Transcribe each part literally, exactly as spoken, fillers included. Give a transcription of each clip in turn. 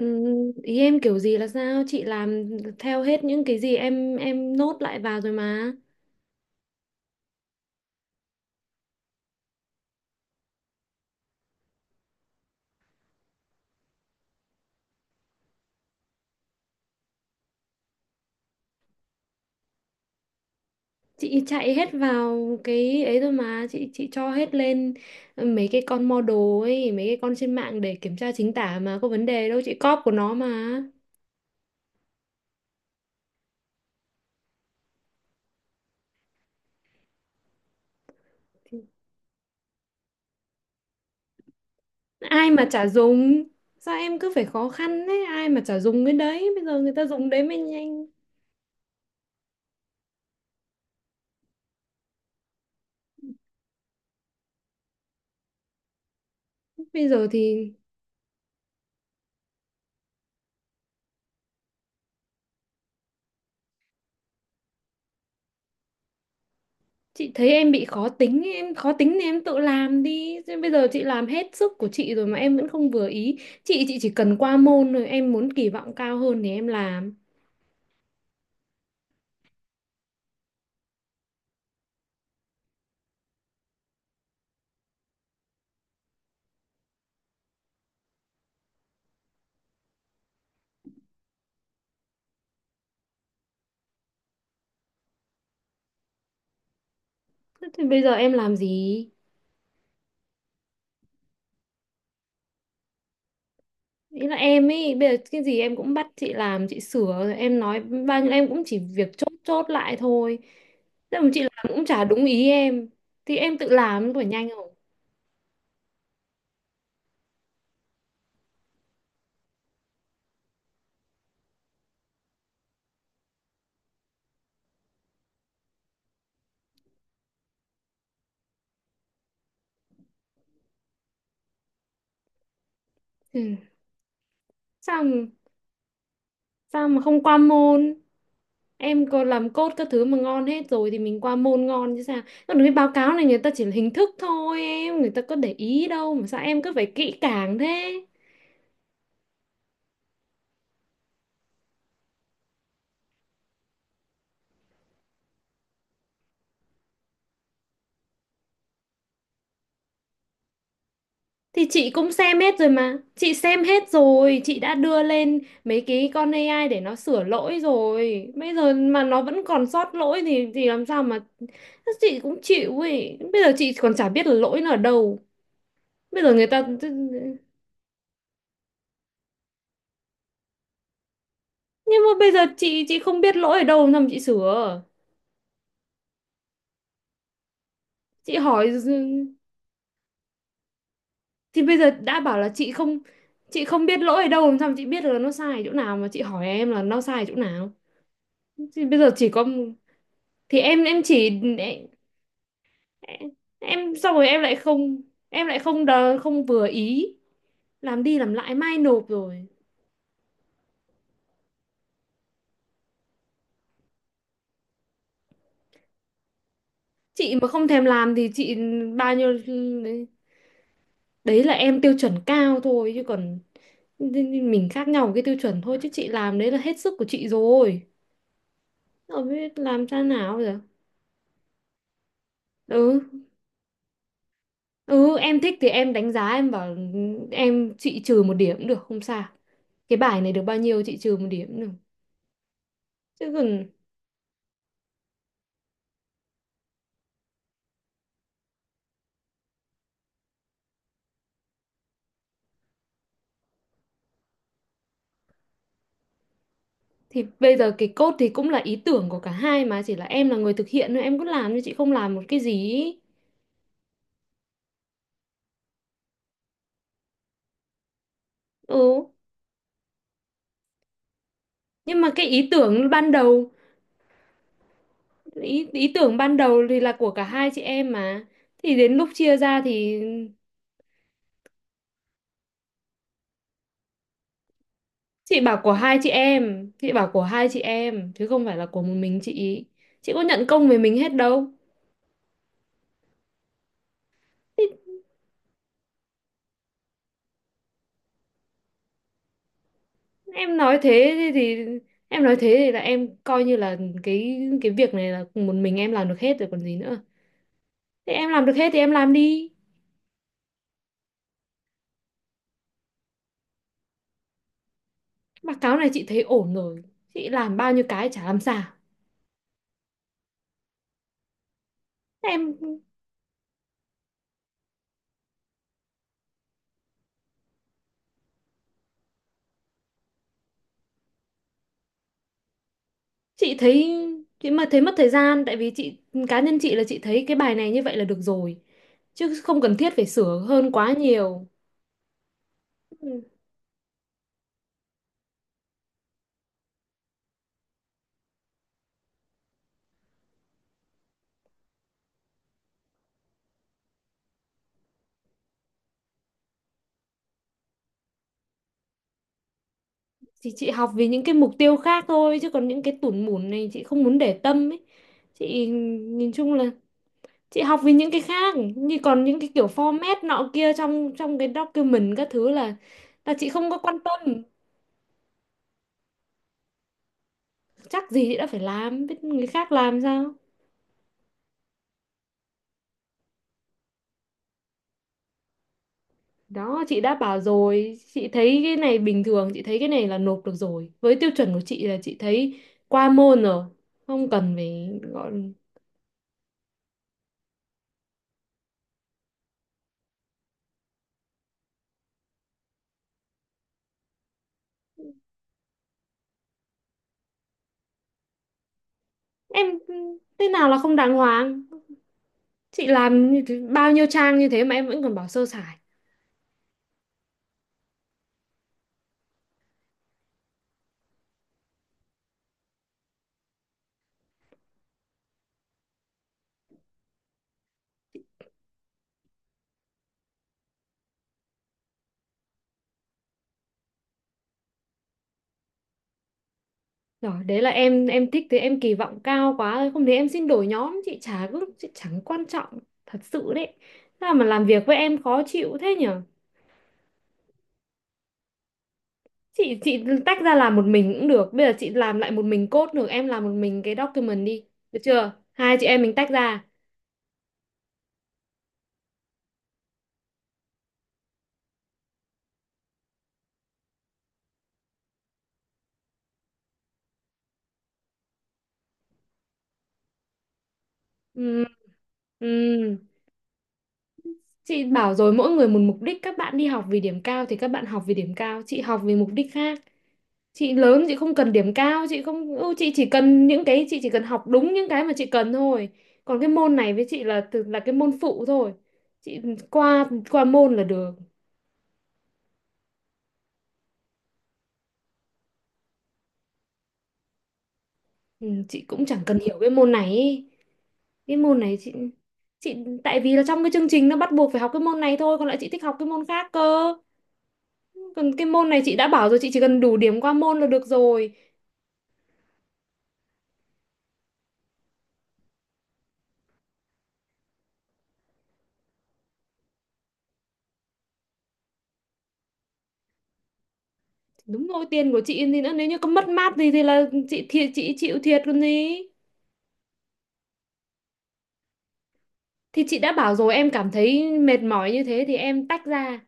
Ừ, ý em kiểu gì là sao chị làm theo hết những cái gì em em nốt lại vào rồi mà chị chạy hết vào cái ấy rồi mà chị chị cho hết lên ờ, mấy cái con model ấy mấy cái con trên mạng để kiểm tra chính tả mà có vấn đề đâu chị cóp của nó mà. Ai mà chả dùng, sao em cứ phải khó khăn đấy, ai mà chả dùng cái đấy, bây giờ người ta dùng đấy mới nhanh. Bây giờ thì Chị thấy em bị khó tính, ấy, em khó tính thì em tự làm đi. Chứ bây giờ chị làm hết sức của chị rồi mà em vẫn không vừa ý. Chị chị chỉ cần qua môn, rồi em muốn kỳ vọng cao hơn thì em làm. Thế thì bây giờ em làm gì? Ý là em ấy, bây giờ cái gì em cũng bắt chị làm, chị sửa, rồi em nói bao nhiêu em cũng chỉ việc chốt chốt lại thôi. Thế mà chị làm cũng chả đúng ý em. Thì em tự làm có phải nhanh không? Ừ. Sao mà, sao mà không qua môn? Em có làm code các thứ mà ngon hết rồi thì mình qua môn ngon chứ sao. Còn cái báo cáo này người ta chỉ là hình thức thôi em, người ta có để ý đâu mà sao em cứ phải kỹ càng thế. Thì chị cũng xem hết rồi mà, chị xem hết rồi, chị đã đưa lên mấy cái con a i để nó sửa lỗi rồi, bây giờ mà nó vẫn còn sót lỗi thì thì làm sao mà, chị cũng chịu ấy, bây giờ chị còn chả biết là lỗi nó ở đâu. Bây giờ người ta Nhưng mà bây giờ chị chị không biết lỗi ở đâu làm sao mà chị sửa. Chị hỏi? Thì bây giờ đã bảo là chị không, chị không biết lỗi ở đâu làm sao mà chị biết được là nó sai ở chỗ nào mà chị hỏi em là nó sai ở chỗ nào. Thì bây giờ chỉ có, thì em em chỉ em, em xong rồi em lại không, em lại không đờ, không vừa ý, làm đi làm lại mai nộp rồi. Chị mà không thèm làm thì chị bao nhiêu, đấy, đấy là em tiêu chuẩn cao thôi, chứ còn mình khác nhau một cái tiêu chuẩn thôi, chứ chị làm đấy là hết sức của chị rồi. Rồi biết làm sao nào giờ. Ừ. Ừ, em thích thì em đánh giá em bảo em, chị trừ một điểm cũng được, không sao. Cái bài này được bao nhiêu chị trừ một điểm cũng được. Chứ còn thì bây giờ cái code thì cũng là ý tưởng của cả hai mà, chỉ là em là người thực hiện thôi, em cứ làm nhưng chị không làm một cái gì. Ý. Ừ. Nhưng mà cái ý tưởng ban đầu, ý, ý tưởng ban đầu thì là của cả hai chị em mà. Thì đến lúc chia ra thì chị bảo của hai chị em, chị bảo của hai chị em chứ không phải là của một mình chị. Chị có nhận công về mình hết đâu. Em nói thế thì, thì em nói thế thì là em coi như là cái cái việc này là một mình em làm được hết rồi còn gì nữa. Thế em làm được hết thì em làm đi. Báo cáo này chị thấy ổn rồi, chị làm bao nhiêu cái chả làm sao. Em, chị thấy, chị mà thấy mất thời gian tại vì chị, cá nhân chị là chị thấy cái bài này như vậy là được rồi, chứ không cần thiết phải sửa hơn quá nhiều. Ừ, thì chị học vì những cái mục tiêu khác thôi, chứ còn những cái tủn mủn này chị không muốn để tâm ấy. Chị, nhìn chung là chị học với những cái khác, như còn những cái kiểu format nọ kia trong trong cái document các thứ là là chị không có quan tâm. Chắc gì chị đã phải làm, biết người khác làm sao. Đó chị đã bảo rồi, chị thấy cái này bình thường, chị thấy cái này là nộp được rồi, với tiêu chuẩn của chị là chị thấy qua môn rồi, không cần phải gọi em. Thế nào là không đàng hoàng? Chị làm như thế- Bao nhiêu trang như thế mà em vẫn còn bảo sơ sài. Rồi, đấy là em em thích thế, em kỳ vọng cao quá thôi. Không thì em xin đổi nhóm, chị chả cứ, chị chẳng quan trọng thật sự đấy. Sao mà làm việc với em khó chịu thế nhở? Chị chị tách ra làm một mình cũng được. Bây giờ chị làm lại một mình code được, em làm một mình cái document đi. Được chưa? Hai chị em mình tách ra. Ừ, ừ. Chị bảo rồi, mỗi người một mục đích, các bạn đi học vì điểm cao thì các bạn học vì điểm cao, chị học vì mục đích khác. Chị lớn, chị không cần điểm cao, chị không ừ, chị chỉ cần những cái, chị chỉ cần học đúng những cái mà chị cần thôi. Còn cái môn này với chị là từ là cái môn phụ thôi. Chị ừ, qua, qua môn là được. Ừ, chị cũng chẳng cần hiểu cái môn này ý. Cái môn này chị chị tại vì là trong cái chương trình nó bắt buộc phải học cái môn này thôi, còn lại chị thích học cái môn khác cơ. Còn cái môn này chị đã bảo rồi, chị chỉ cần đủ điểm qua môn là được rồi. Đúng rồi, tiền của chị thì nữa, nếu như có mất mát gì thì là chị thiệt, chị chịu thiệt còn gì. Thì chị đã bảo rồi, em cảm thấy mệt mỏi như thế thì em tách ra,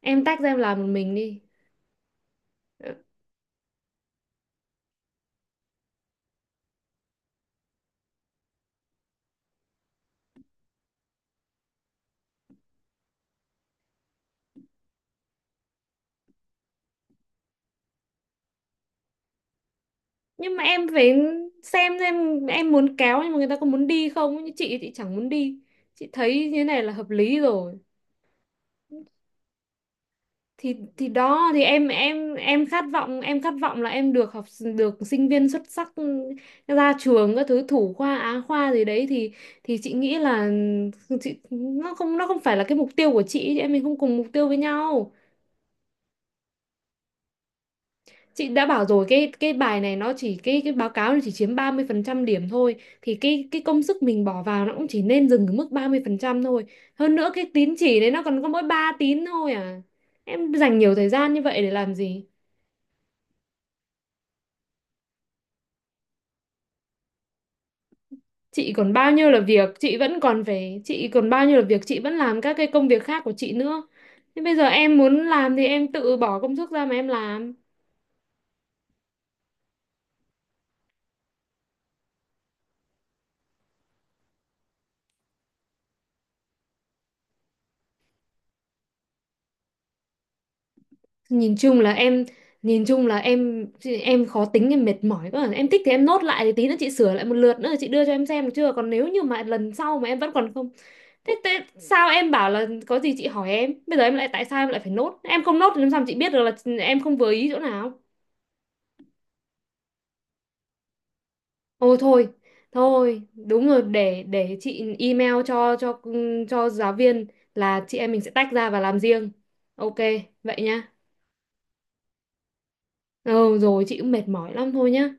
em tách ra em làm một mình đi. Ờ, nhưng mà em phải xem xem em muốn kéo nhưng mà người ta có muốn đi không? Như chị chị chẳng muốn đi. Chị thấy như thế này là hợp lý rồi. Thì thì đó thì em em em khát vọng, em khát vọng là em được học, được sinh viên xuất sắc ừ, ra trường các thứ, thủ khoa á khoa gì đấy thì thì chị nghĩ là ừ, chị nó không, nó không phải là cái mục tiêu của chị, chị em mình không cùng mục tiêu với nhau. Chị đã bảo rồi cái cái bài này nó chỉ, cái cái báo cáo này chỉ chiếm ba mươi phần trăm điểm thôi, thì cái cái công sức mình bỏ vào nó cũng chỉ nên dừng ở mức ba mươi phần trăm thôi. Hơn nữa cái tín chỉ đấy nó còn có mỗi ba tín thôi à. Em dành nhiều thời gian như vậy để làm gì? Chị còn bao nhiêu là việc, chị vẫn còn phải, chị còn bao nhiêu là việc, chị vẫn làm các cái công việc khác của chị nữa. Thế bây giờ em muốn làm thì em tự bỏ công sức ra mà em làm. nhìn chung là em nhìn chung là em, em khó tính, em mệt mỏi quá, em thích thì em nốt lại thì tí nữa chị sửa lại một lượt nữa chị đưa cho em xem được chưa, còn nếu như mà lần sau mà em vẫn còn không. Thế, thế sao em bảo là có gì chị hỏi em, bây giờ em lại tại sao em lại phải nốt, em không nốt thì làm sao mà chị biết được là em không vừa ý chỗ nào. Ôi thôi, thôi đúng rồi, để để chị email cho cho cho giáo viên là chị em mình sẽ tách ra và làm riêng. Ok. Vậy nhá. Ừ, rồi chị cũng mệt mỏi lắm thôi nhá.